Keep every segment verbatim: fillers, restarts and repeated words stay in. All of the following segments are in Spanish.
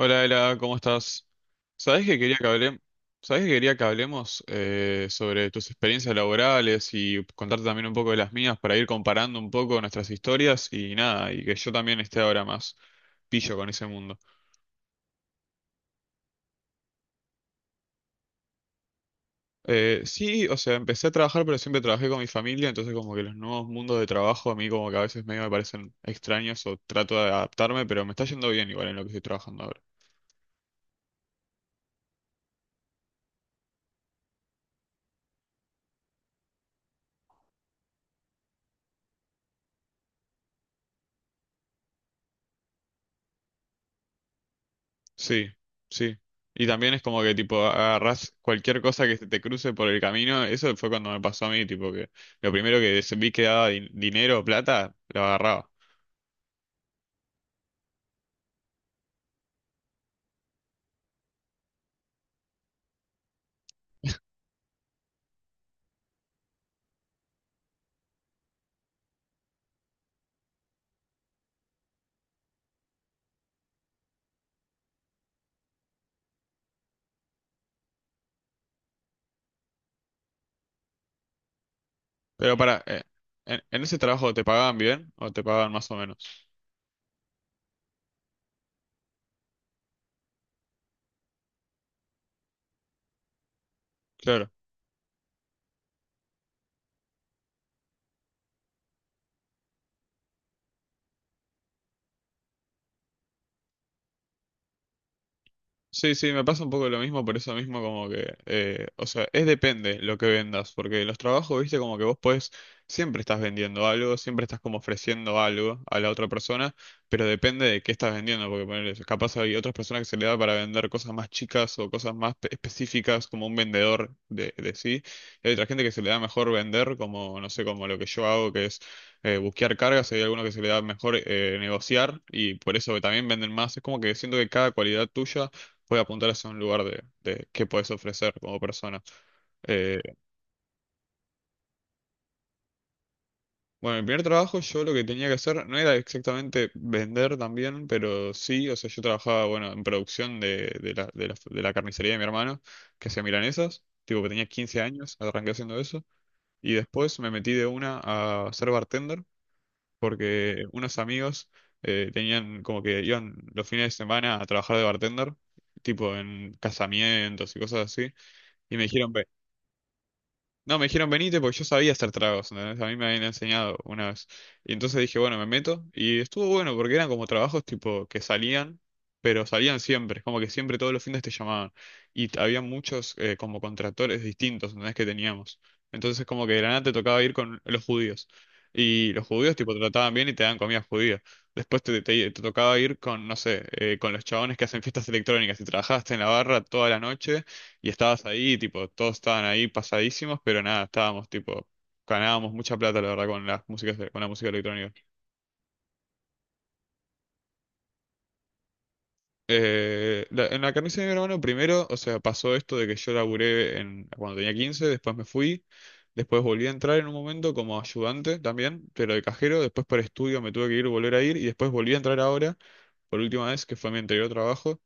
Hola, Ela, ¿cómo estás? ¿Sabés que quería que hablemos, ¿sabés que quería que hablemos eh, sobre tus experiencias laborales y contarte también un poco de las mías para ir comparando un poco nuestras historias y nada, y que yo también esté ahora más pillo con ese mundo? Eh, sí, o sea, empecé a trabajar, pero siempre trabajé con mi familia, entonces como que los nuevos mundos de trabajo a mí como que a veces medio me parecen extraños o trato de adaptarme, pero me está yendo bien igual en lo que estoy trabajando ahora. Sí, sí. Y también es como que tipo agarrás cualquier cosa que se te cruce por el camino. Eso fue cuando me pasó a mí, tipo que lo primero que se- vi que daba din- dinero o plata, lo agarraba. Pero para, eh, ¿en, en ese trabajo te pagaban bien o te pagaban más o menos? Claro. Sí, sí, me pasa un poco lo mismo, por eso mismo como que, eh, o sea, es depende lo que vendas, porque los trabajos, viste, como que vos podés, siempre estás vendiendo algo, siempre estás como ofreciendo algo a la otra persona, pero depende de qué estás vendiendo, porque ponele, capaz hay otras personas que se le da para vender cosas más chicas o cosas más pe- específicas, como un vendedor de, de sí, y hay otra gente que se le da mejor vender, como, no sé, como lo que yo hago, que es eh, buscar cargas, hay algunos que se le da mejor eh, negociar, y por eso también venden más, es como que siento que cada cualidad tuya puede apuntar hacia un lugar de, de qué puedes ofrecer como persona. Eh, bueno, en mi primer trabajo yo lo que tenía que hacer no era exactamente vender también, pero sí, o sea, yo trabajaba, bueno, en producción de, de la, de la, de la carnicería de mi hermano, que hacía milanesas, tipo que tenía quince años, arranqué haciendo eso, y después me metí de una a ser bartender, porque unos amigos eh, tenían como que iban los fines de semana a trabajar de bartender, tipo en casamientos y cosas así, y me dijeron. No, me dijeron venite porque yo sabía hacer tragos, ¿entendés? A mí me habían enseñado una vez. Y entonces dije, bueno, me meto. Y estuvo bueno porque eran como trabajos tipo que salían, pero salían siempre. Es como que siempre todos los fines te llamaban. Y t- había muchos eh, como contractores distintos, ¿entendés? Que teníamos. Entonces como que de la nada te tocaba ir con los judíos. Y los judíos tipo te trataban bien y te daban comida judía. Después te, te- te tocaba ir con, no sé, eh, con los chabones que hacen fiestas electrónicas y trabajaste en la barra toda la noche y estabas ahí, tipo, todos estaban ahí pasadísimos, pero nada, estábamos, tipo, ganábamos mucha plata, la verdad, con las músicas, de- con la música electrónica. Eh, la- en la carnicería de mi hermano, primero, o sea, pasó esto de que yo laburé en, cuando tenía quince después me fui, después volví a entrar en un momento como ayudante también, pero de cajero, después por estudio me tuve que ir, volver a ir, y después volví a entrar ahora, por última vez, que fue mi anterior trabajo.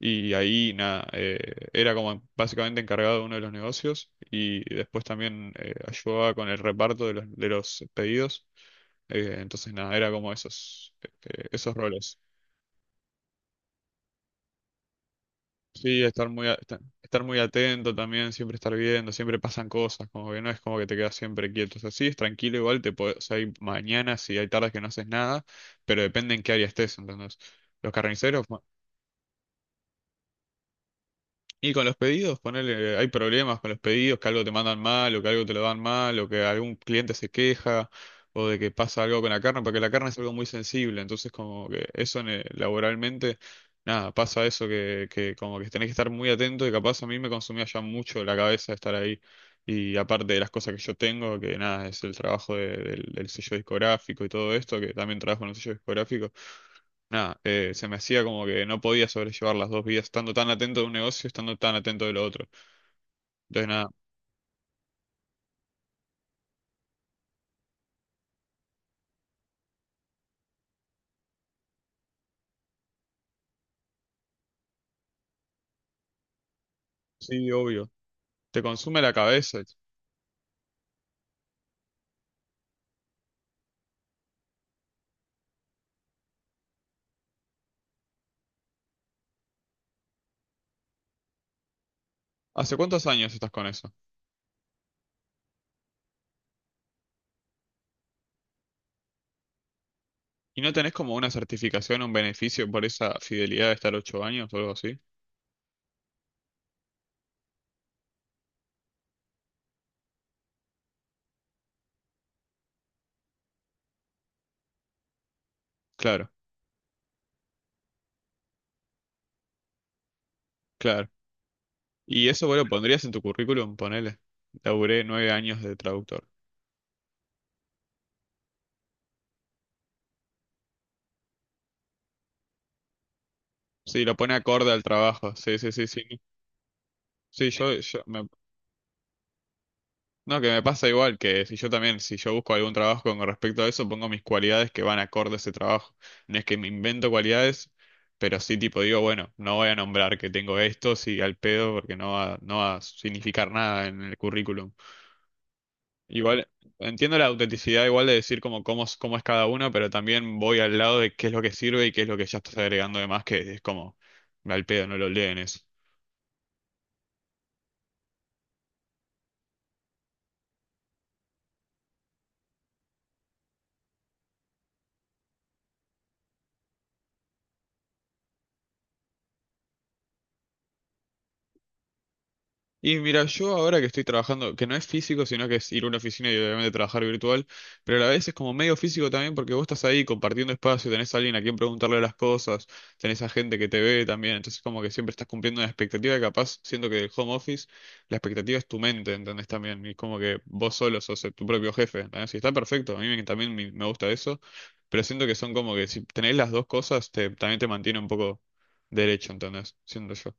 Y ahí, nada, eh, era como básicamente encargado de uno de los negocios y después también eh, ayudaba con el reparto de los, de los pedidos. Eh, entonces, nada, era como esos, eh, esos roles. Sí, estar muy, a- esta- estar muy atento también, siempre estar viendo, siempre pasan cosas, como que no es como que te quedas siempre quieto. O sea, sí, es tranquilo igual, te podés- o sea, hay mañanas y hay tardes que no haces nada, pero depende en qué área estés, entonces. Los carniceros. Y con los pedidos, ponele, hay problemas con los pedidos, que algo te mandan mal, o que algo te lo dan mal, o que algún cliente se queja, o de que pasa algo con la carne, porque la carne es algo muy sensible, entonces como que eso en el- laboralmente, nada, pasa eso que, que como que tenés que estar muy atento y capaz a mí me consumía ya mucho la cabeza estar ahí. Y aparte de las cosas que yo tengo, que nada, es el trabajo de- del, del sello discográfico y todo esto, que también trabajo en un sello discográfico. Nada, eh, se me hacía como que no podía sobrellevar las dos vidas, estando tan atento de un negocio, estando tan atento de lo otro. Entonces, nada, sí, obvio, te consume la cabeza. ¿Hace cuántos años estás con eso? ¿Y no tenés como una certificación, un beneficio por esa fidelidad de estar ocho años o algo así? Claro, claro. ¿Y eso vos lo pondrías en tu currículum? Ponele. Laburé nueve años de traductor. Sí, lo pone acorde al trabajo. Sí, sí, sí, sí. Sí, yo, yo me, No, que me pasa igual, que si yo también, si yo busco algún trabajo con respecto a eso, pongo mis cualidades que van acorde a ese trabajo. No es que me invento cualidades, pero sí tipo digo, bueno, no voy a nombrar que tengo esto, sí, al pedo, porque no va, no va a significar nada en el currículum. Igual, entiendo la autenticidad igual de decir como cómo, es- cómo es cada uno, pero también voy al lado de qué es lo que sirve y qué es lo que ya estás agregando de más, que es como, al pedo, no lo leen eso. Y mira, yo ahora que estoy trabajando, que no es físico, sino que es ir a una oficina y obviamente trabajar virtual, pero a la vez es como medio físico también porque vos estás ahí compartiendo espacio, tenés a alguien a quien preguntarle las cosas, tenés a gente que te ve también, entonces como que siempre estás cumpliendo una expectativa que capaz, siento que el home office, la expectativa es tu mente, ¿entendés también? Y es como que vos solo sos tu propio jefe, ¿entendés? Y está perfecto, a mí me- también me me gusta eso, pero siento que son como que si tenés las dos cosas, te, también te mantiene un poco derecho, ¿entendés? Siento yo.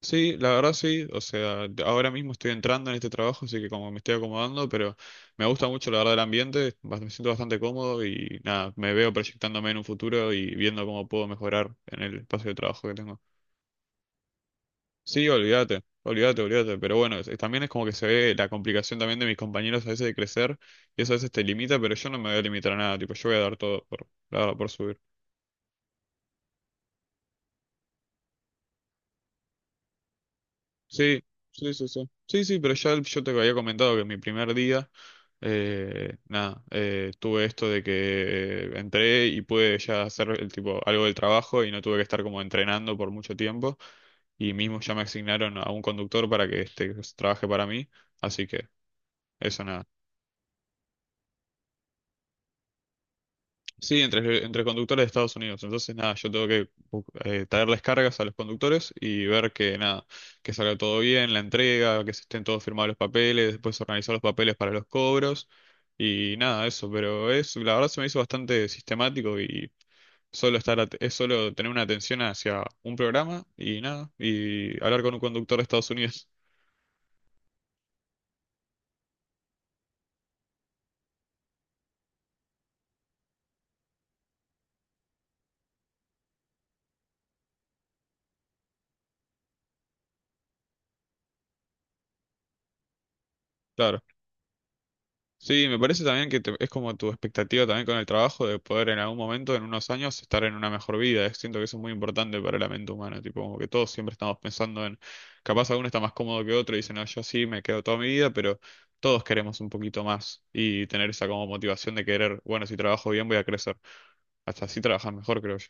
Sí, la verdad sí, o sea, de- ahora mismo estoy entrando en este trabajo, así que como me estoy acomodando, pero me gusta mucho la verdad el ambiente, bast- me siento bastante cómodo y nada, me veo proyectándome en un futuro y viendo cómo puedo mejorar en el espacio de trabajo que tengo. Sí, olvídate, olvídate, olvídate, pero bueno, es- también es como que se ve la complicación también de mis compañeros a veces de crecer y eso a veces te limita, pero yo no me voy a limitar a nada, tipo, yo voy a dar todo por, la verdad, por subir. Sí, sí, sí, sí. Sí, sí, pero ya yo te había comentado que mi primer día... eh, nada, eh, tuve esto de que entré y pude ya hacer el tipo algo del trabajo y no tuve que estar como entrenando por mucho tiempo y mismo ya me asignaron a un conductor para que este pues, trabaje para mí, así que eso nada. Sí, entre, entre conductores de Estados Unidos, entonces nada, yo tengo que bu- eh, traerles cargas a los conductores y ver que nada, que salga todo bien, la entrega, que se estén todos firmados los papeles, después organizar los papeles para los cobros. Y nada, eso, pero es, la verdad se me hizo bastante sistemático y solo estar, at- es solo tener una atención hacia un programa y nada, y hablar con un conductor de Estados Unidos. Claro. Sí, me parece también que te- es como tu expectativa también con el trabajo de poder en algún momento, en unos años, estar en una mejor vida. Eh, Siento que eso es muy importante para la mente humana, tipo como que todos siempre estamos pensando en, capaz alguno está más cómodo que otro y dice, no, yo sí me quedo toda mi vida, pero todos queremos un poquito más y tener esa como motivación de querer, bueno, si trabajo bien voy a crecer. Hasta así trabajas mejor, creo yo.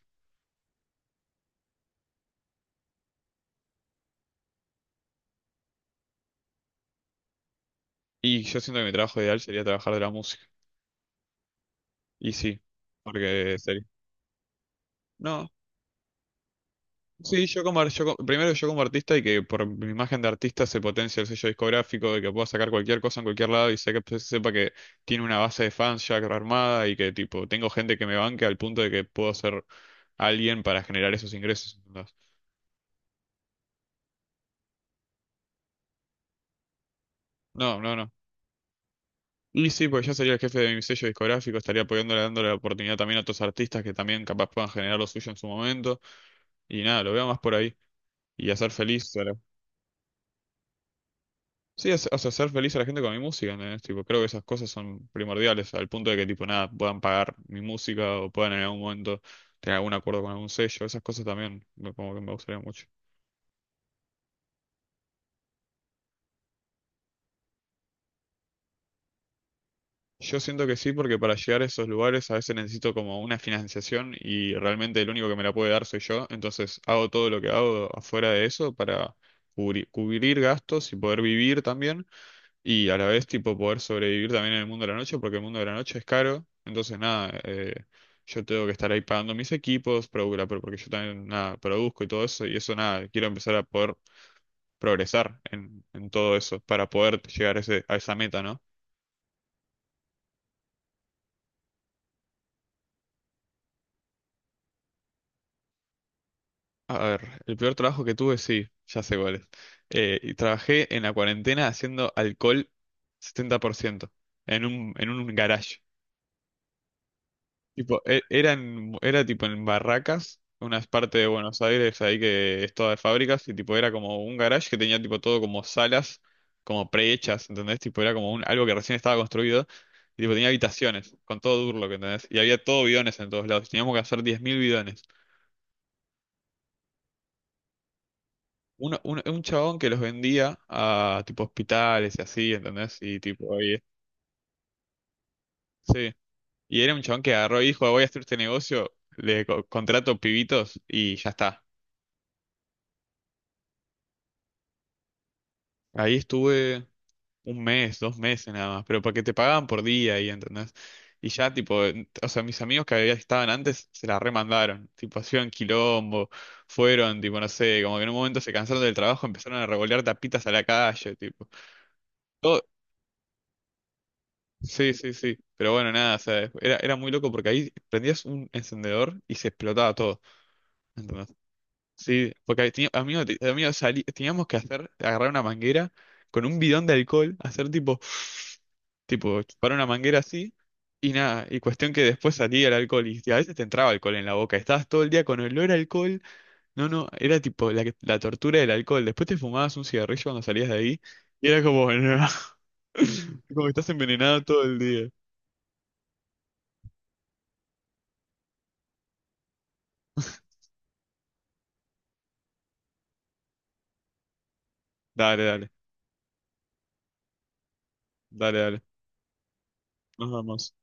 Y yo siento que mi trabajo ideal sería trabajar de la música. Y sí, porque sería. No, sí, yo como, ar- yo co- primero yo como artista y que por mi imagen de artista se potencia el sello discográfico, de que pueda sacar cualquier cosa en cualquier lado y sé que se- sepa que tiene una base de fans ya armada y que tipo tengo gente que me banque al punto de que puedo ser alguien para generar esos ingresos, ¿entendés? No, no, no. Y sí, pues yo sería el jefe de mi sello discográfico, estaría apoyándole, dándole la oportunidad también a otros artistas que también capaz puedan generar lo suyo en su momento. Y nada, lo veo más por ahí. Y hacer feliz. Sí, hace- o sea, hacer feliz a la gente con mi música, ¿entendés? Tipo, creo que esas cosas son primordiales, al punto de que, tipo, nada, puedan pagar mi música o puedan en algún momento tener algún acuerdo con algún sello, esas cosas también, me- como que me gustaría mucho. Yo siento que sí, porque para llegar a esos lugares a veces necesito como una financiación y realmente el único que me la puede dar soy yo, entonces hago todo lo que hago afuera de eso para cubri- cubrir gastos y poder vivir también. Y a la vez, tipo, poder sobrevivir también en el mundo de la noche, porque el mundo de la noche es caro. Entonces, nada, eh, yo tengo que estar ahí pagando mis equipos, produ- la- porque yo también, nada, produzco y todo eso. Y eso, nada, quiero empezar a poder progresar en, en todo eso para poder llegar a, ese, a esa meta, ¿no? A ver, el peor trabajo que tuve, sí, ya sé cuál es. Eh, y trabajé en la cuarentena haciendo alcohol setenta por ciento en un, en un garage. Tipo, e- eran, era tipo en Barracas, unas partes de Buenos Aires ahí que es toda de fábricas, y tipo era como un garage que tenía tipo todo como salas, como prehechas, ¿entendés? Tipo era como un, algo que recién estaba construido, y tipo tenía habitaciones, con todo Durlock, ¿entendés? Y había todo bidones en todos lados, y teníamos que hacer diez mil bidones. Uno- un, un chabón que los vendía a tipo hospitales y así, ¿entendés? Y tipo, oye, sí. Y era un chabón que agarró y dijo, voy a hacer este negocio, le co- contrato pibitos y ya está. Ahí estuve un mes, dos meses nada más, pero porque te pagaban por día, y ¿entendés? Y ya, tipo, en- o sea, mis amigos que había- estaban antes se la remandaron, tipo, hacían quilombo, fueron, tipo, no sé, como que en un momento se cansaron del trabajo, empezaron a revolear tapitas a la calle, tipo. Todo- sí, sí, sí, pero bueno, nada, o sea, era, era muy loco porque ahí prendías un encendedor y se explotaba todo, ¿entendés? Sí, porque ahí tenía- amigos, te- amigos, salí- teníamos que hacer, agarrar una manguera con un bidón de alcohol, hacer tipo. Tipo, para una manguera así y nada. Y cuestión que después salía el alcohol y a veces te entraba alcohol en la boca. Estabas todo el día con olor a alcohol. No, no, era tipo la, la tortura del alcohol. Después te fumabas un cigarrillo cuando salías de ahí y era como, no, como que estás envenenado todo el día. Dale, dale, dale, dale. Nos vamos.